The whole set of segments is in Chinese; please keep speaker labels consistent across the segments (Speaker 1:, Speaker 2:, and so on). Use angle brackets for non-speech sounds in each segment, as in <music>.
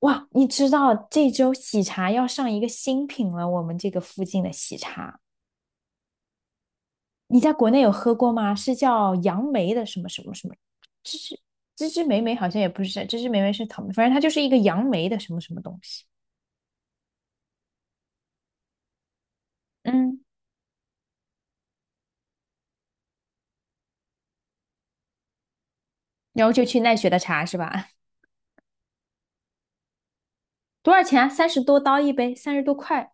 Speaker 1: 哇，你知道这周喜茶要上一个新品了，我们这个附近的喜茶，你在国内有喝过吗？是叫杨梅的什么什么什么，芝芝芝芝莓莓好像也不是，芝芝莓莓是草莓，反正它就是一个杨梅的什么什么东西。嗯，然后就去奈雪的茶是吧？<laughs> 多少钱啊？三十多刀一杯，三十多块。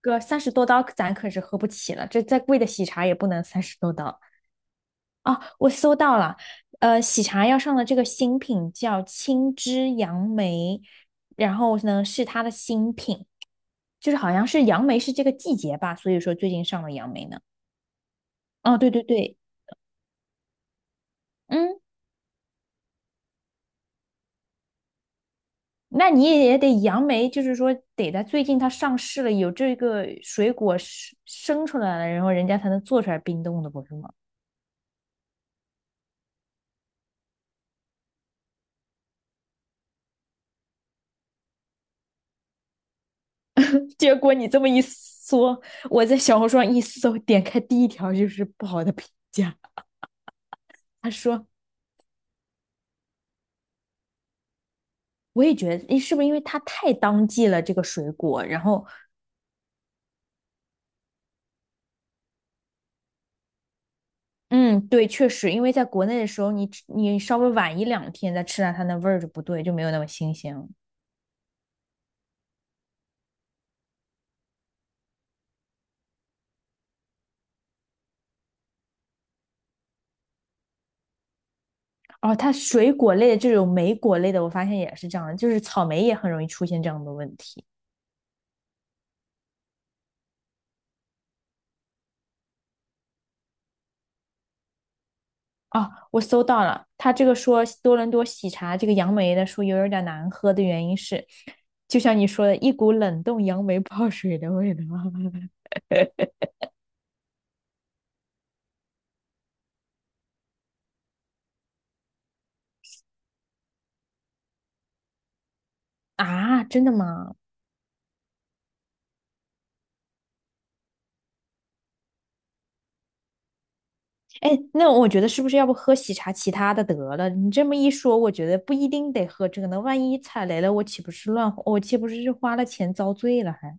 Speaker 1: 哥，三十多刀咱可是喝不起了，这再贵的喜茶也不能三十多刀。哦，我搜到了，喜茶要上的这个新品叫青汁杨梅，然后呢是它的新品，就是好像是杨梅是这个季节吧，所以说最近上了杨梅呢。哦，对对对，嗯，那你也得杨梅，就是说得在最近它上市了，有这个水果生生出来了，然后人家才能做出来冰冻的，不是吗？<laughs> 结果你这么一说，我在小红书上一搜，点开第一条就是不好的评价，他说。我也觉得，诶，是不是因为它太当季了这个水果？然后，嗯，对，确实，因为在国内的时候，你吃你稍微晚一两天再吃它，它那味儿就不对，就没有那么新鲜了。哦，它水果类的这种莓果类的，我发现也是这样的，就是草莓也很容易出现这样的问题。哦，我搜到了，他这个说多伦多喜茶这个杨梅的说有点难喝的原因是，就像你说的，一股冷冻杨梅泡水的味道。 <laughs> 啊，真的吗？哎，那我觉得是不是要不喝喜茶其他的得了？你这么一说，我觉得不一定得喝这个呢。万一踩雷了，我岂不是是花了钱遭罪了还？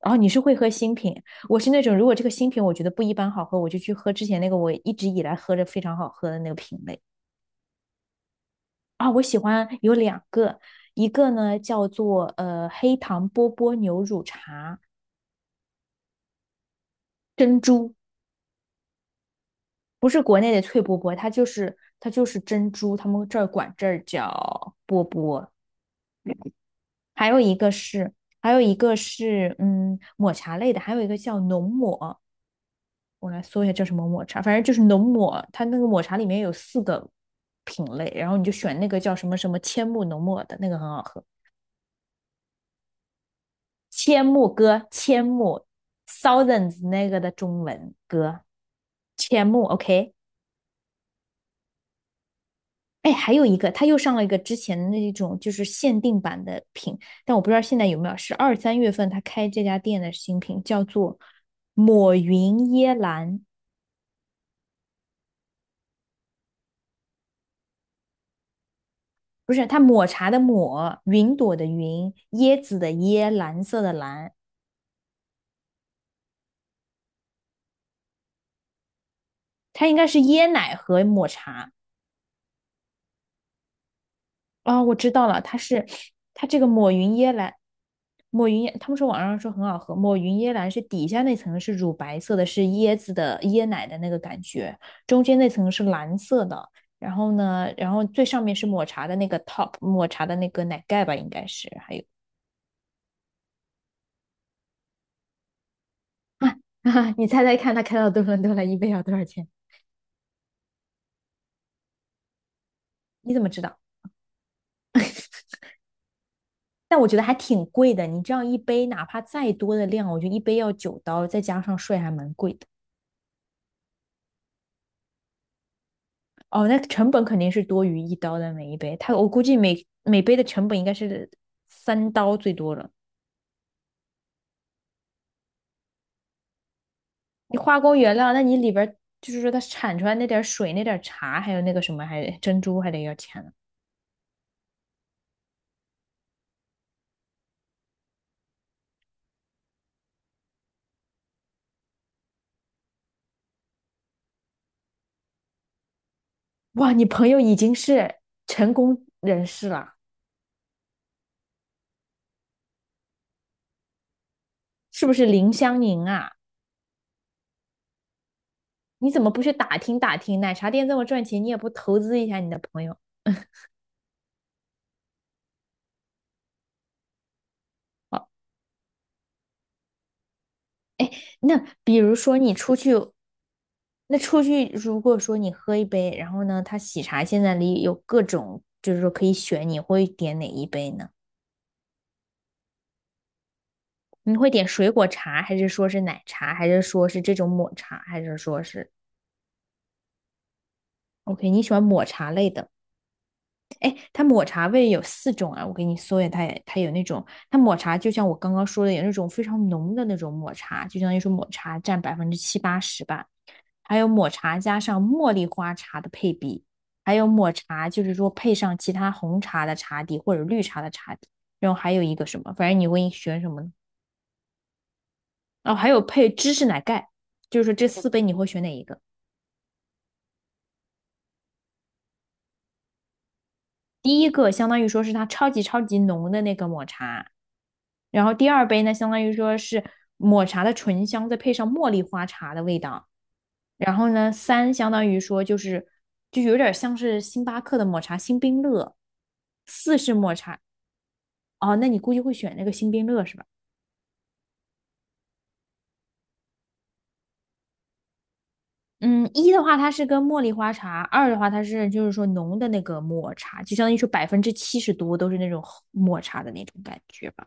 Speaker 1: 哦，你是会喝新品，我是那种如果这个新品我觉得不一般好喝，我就去喝之前那个我一直以来喝着非常好喝的那个品类啊。我喜欢有两个，一个呢叫做黑糖波波牛乳茶珍珠，不是国内的脆波波，它就是珍珠，他们这儿管这儿叫波波。还有一个是，还有一个是，嗯，抹茶类的，还有一个叫浓抹，我来搜一下叫什么抹茶，反正就是浓抹，它那个抹茶里面有四个品类，然后你就选那个叫什么什么千木浓抹的那个很好喝，千木哥，千木 Thousands 那个的中文歌，千木，OK。哎，还有一个，他又上了一个之前的那种就是限定版的品，但我不知道现在有没有，是二三月份他开这家店的新品，叫做抹云椰蓝，不是，他抹茶的抹，云朵的云，椰子的椰，蓝色的蓝，它应该是椰奶和抹茶。啊，我知道了，它这个抹云椰蓝，抹云，椰，他们说网上说很好喝，抹云椰蓝是底下那层是乳白色的，是椰子的椰奶的那个感觉，中间那层是蓝色的，然后呢，然后最上面是抹茶的那个 top，抹茶的那个奶盖吧，应该是，还有 <laughs> 啊啊！你猜猜看，它开到多伦多来，一杯要多少钱？你怎么知道？但我觉得还挺贵的，你这样一杯哪怕再多的量，我觉得一杯要九刀，再加上税还蛮贵的。哦，那成本肯定是多于一刀的每一杯，它我估计每杯的成本应该是三刀最多了。你化工原料，那你里边儿就是说它产出来那点儿水、那点儿茶，还有那个什么，还珍珠还得要钱呢。哇，你朋友已经是成功人士了，是不是林湘宁啊？你怎么不去打听打听？奶茶店这么赚钱，你也不投资一下你的朋友？那比如说你出去，那出去如果说你喝一杯，然后呢，他喜茶现在里有各种，就是说可以选，你会点哪一杯呢？你会点水果茶，还是说是奶茶，还是说是这种抹茶，还是说是 OK？你喜欢抹茶类的？哎，它抹茶味有四种啊，我给你搜一下，它也它有那种，它抹茶就像我刚刚说的，有那种非常浓的那种抹茶，就相当于说抹茶占百分之七八十吧。还有抹茶加上茉莉花茶的配比，还有抹茶就是说配上其他红茶的茶底或者绿茶的茶底，然后还有一个什么，反正你会选什么呢？哦，还有配芝士奶盖，就是说这四杯你会选哪一个？第一个相当于说是它超级超级浓的那个抹茶，然后第二杯呢，相当于说是抹茶的醇香，再配上茉莉花茶的味道。然后呢，三相当于说就是就有点像是星巴克的抹茶星冰乐，四是抹茶，哦，那你估计会选那个星冰乐是吧？嗯，一的话它是跟茉莉花茶，二的话它是就是说浓的那个抹茶，就相当于说百分之七十多都是那种抹茶的那种感觉吧。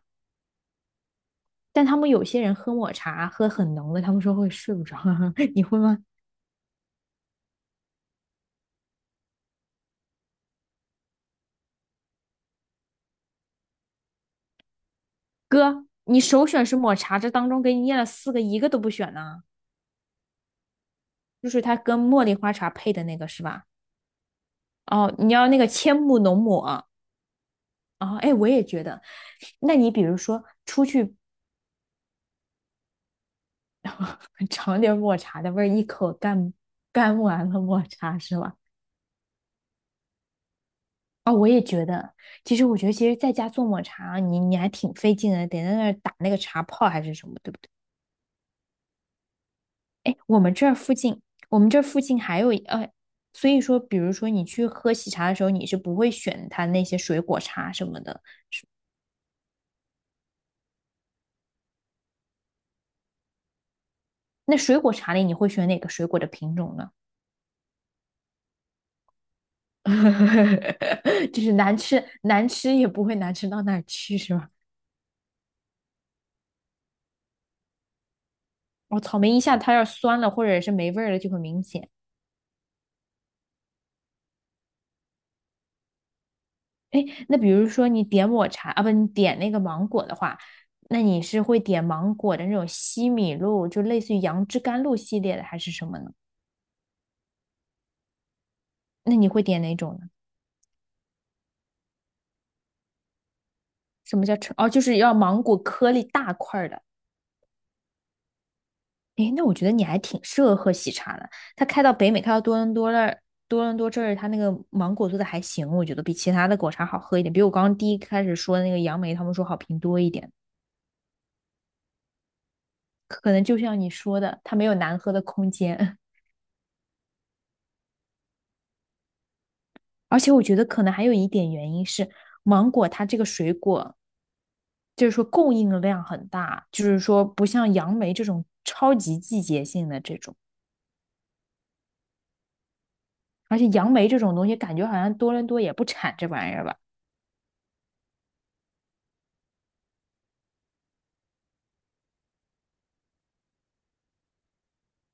Speaker 1: 但他们有些人喝抹茶喝很浓的，他们说会睡不着，<laughs> 你会吗？哥，你首选是抹茶，这当中给你念了四个，一个都不选呢，就是它跟茉莉花茶配的那个是吧？哦，你要那个千木浓抹啊？哎，我也觉得，那你比如说出去尝点抹茶的味儿，一口干干完了抹茶是吧？啊，我也觉得，其实我觉得，其实在家做抹茶，你还挺费劲的，得在那儿打那个茶泡还是什么，对不对？哎，我们这儿附近，我们这儿附近还有一，所以说，比如说你去喝喜茶的时候，你是不会选它那些水果茶什么的。那水果茶里，你会选哪个水果的品种呢？<laughs> 就是难吃，难吃也不会难吃到哪儿去，是吧？哦，草莓一下它要是酸了或者是没味儿了就很明显。哎，那比如说你点抹茶啊，不，你点那个芒果的话，那你是会点芒果的那种西米露，就类似于杨枝甘露系列的，还是什么呢？那你会点哪种呢？什么叫成？哦，就是要芒果颗粒大块儿的。哎，那我觉得你还挺适合喝喜茶的。它开到北美，开到多伦多那儿，多伦多这儿，它那个芒果做的还行，我觉得比其他的果茶好喝一点，比我刚刚第一开始说的那个杨梅，他们说好评多一点。可能就像你说的，它没有难喝的空间。而且我觉得可能还有一点原因是，芒果它这个水果，就是说供应量很大，就是说不像杨梅这种超级季节性的这种。而且杨梅这种东西，感觉好像多伦多也不产这玩意儿吧？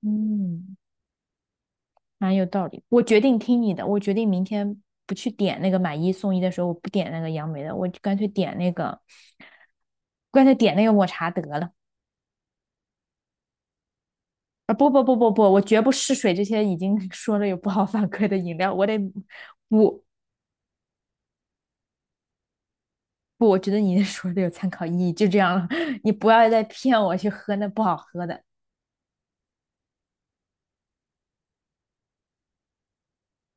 Speaker 1: 嗯，蛮有道理。我决定听你的，我决定明天不去点那个买一送一的时候，我不点那个杨梅的，我就干脆点那个，干脆点那个抹茶得了。啊，不不不不不，我绝不试水这些已经 <laughs> 说了有不好反馈的饮料，我得我不，我觉得你说的有参考意义，就这样了，<laughs> 你不要再骗我去喝那不好喝的。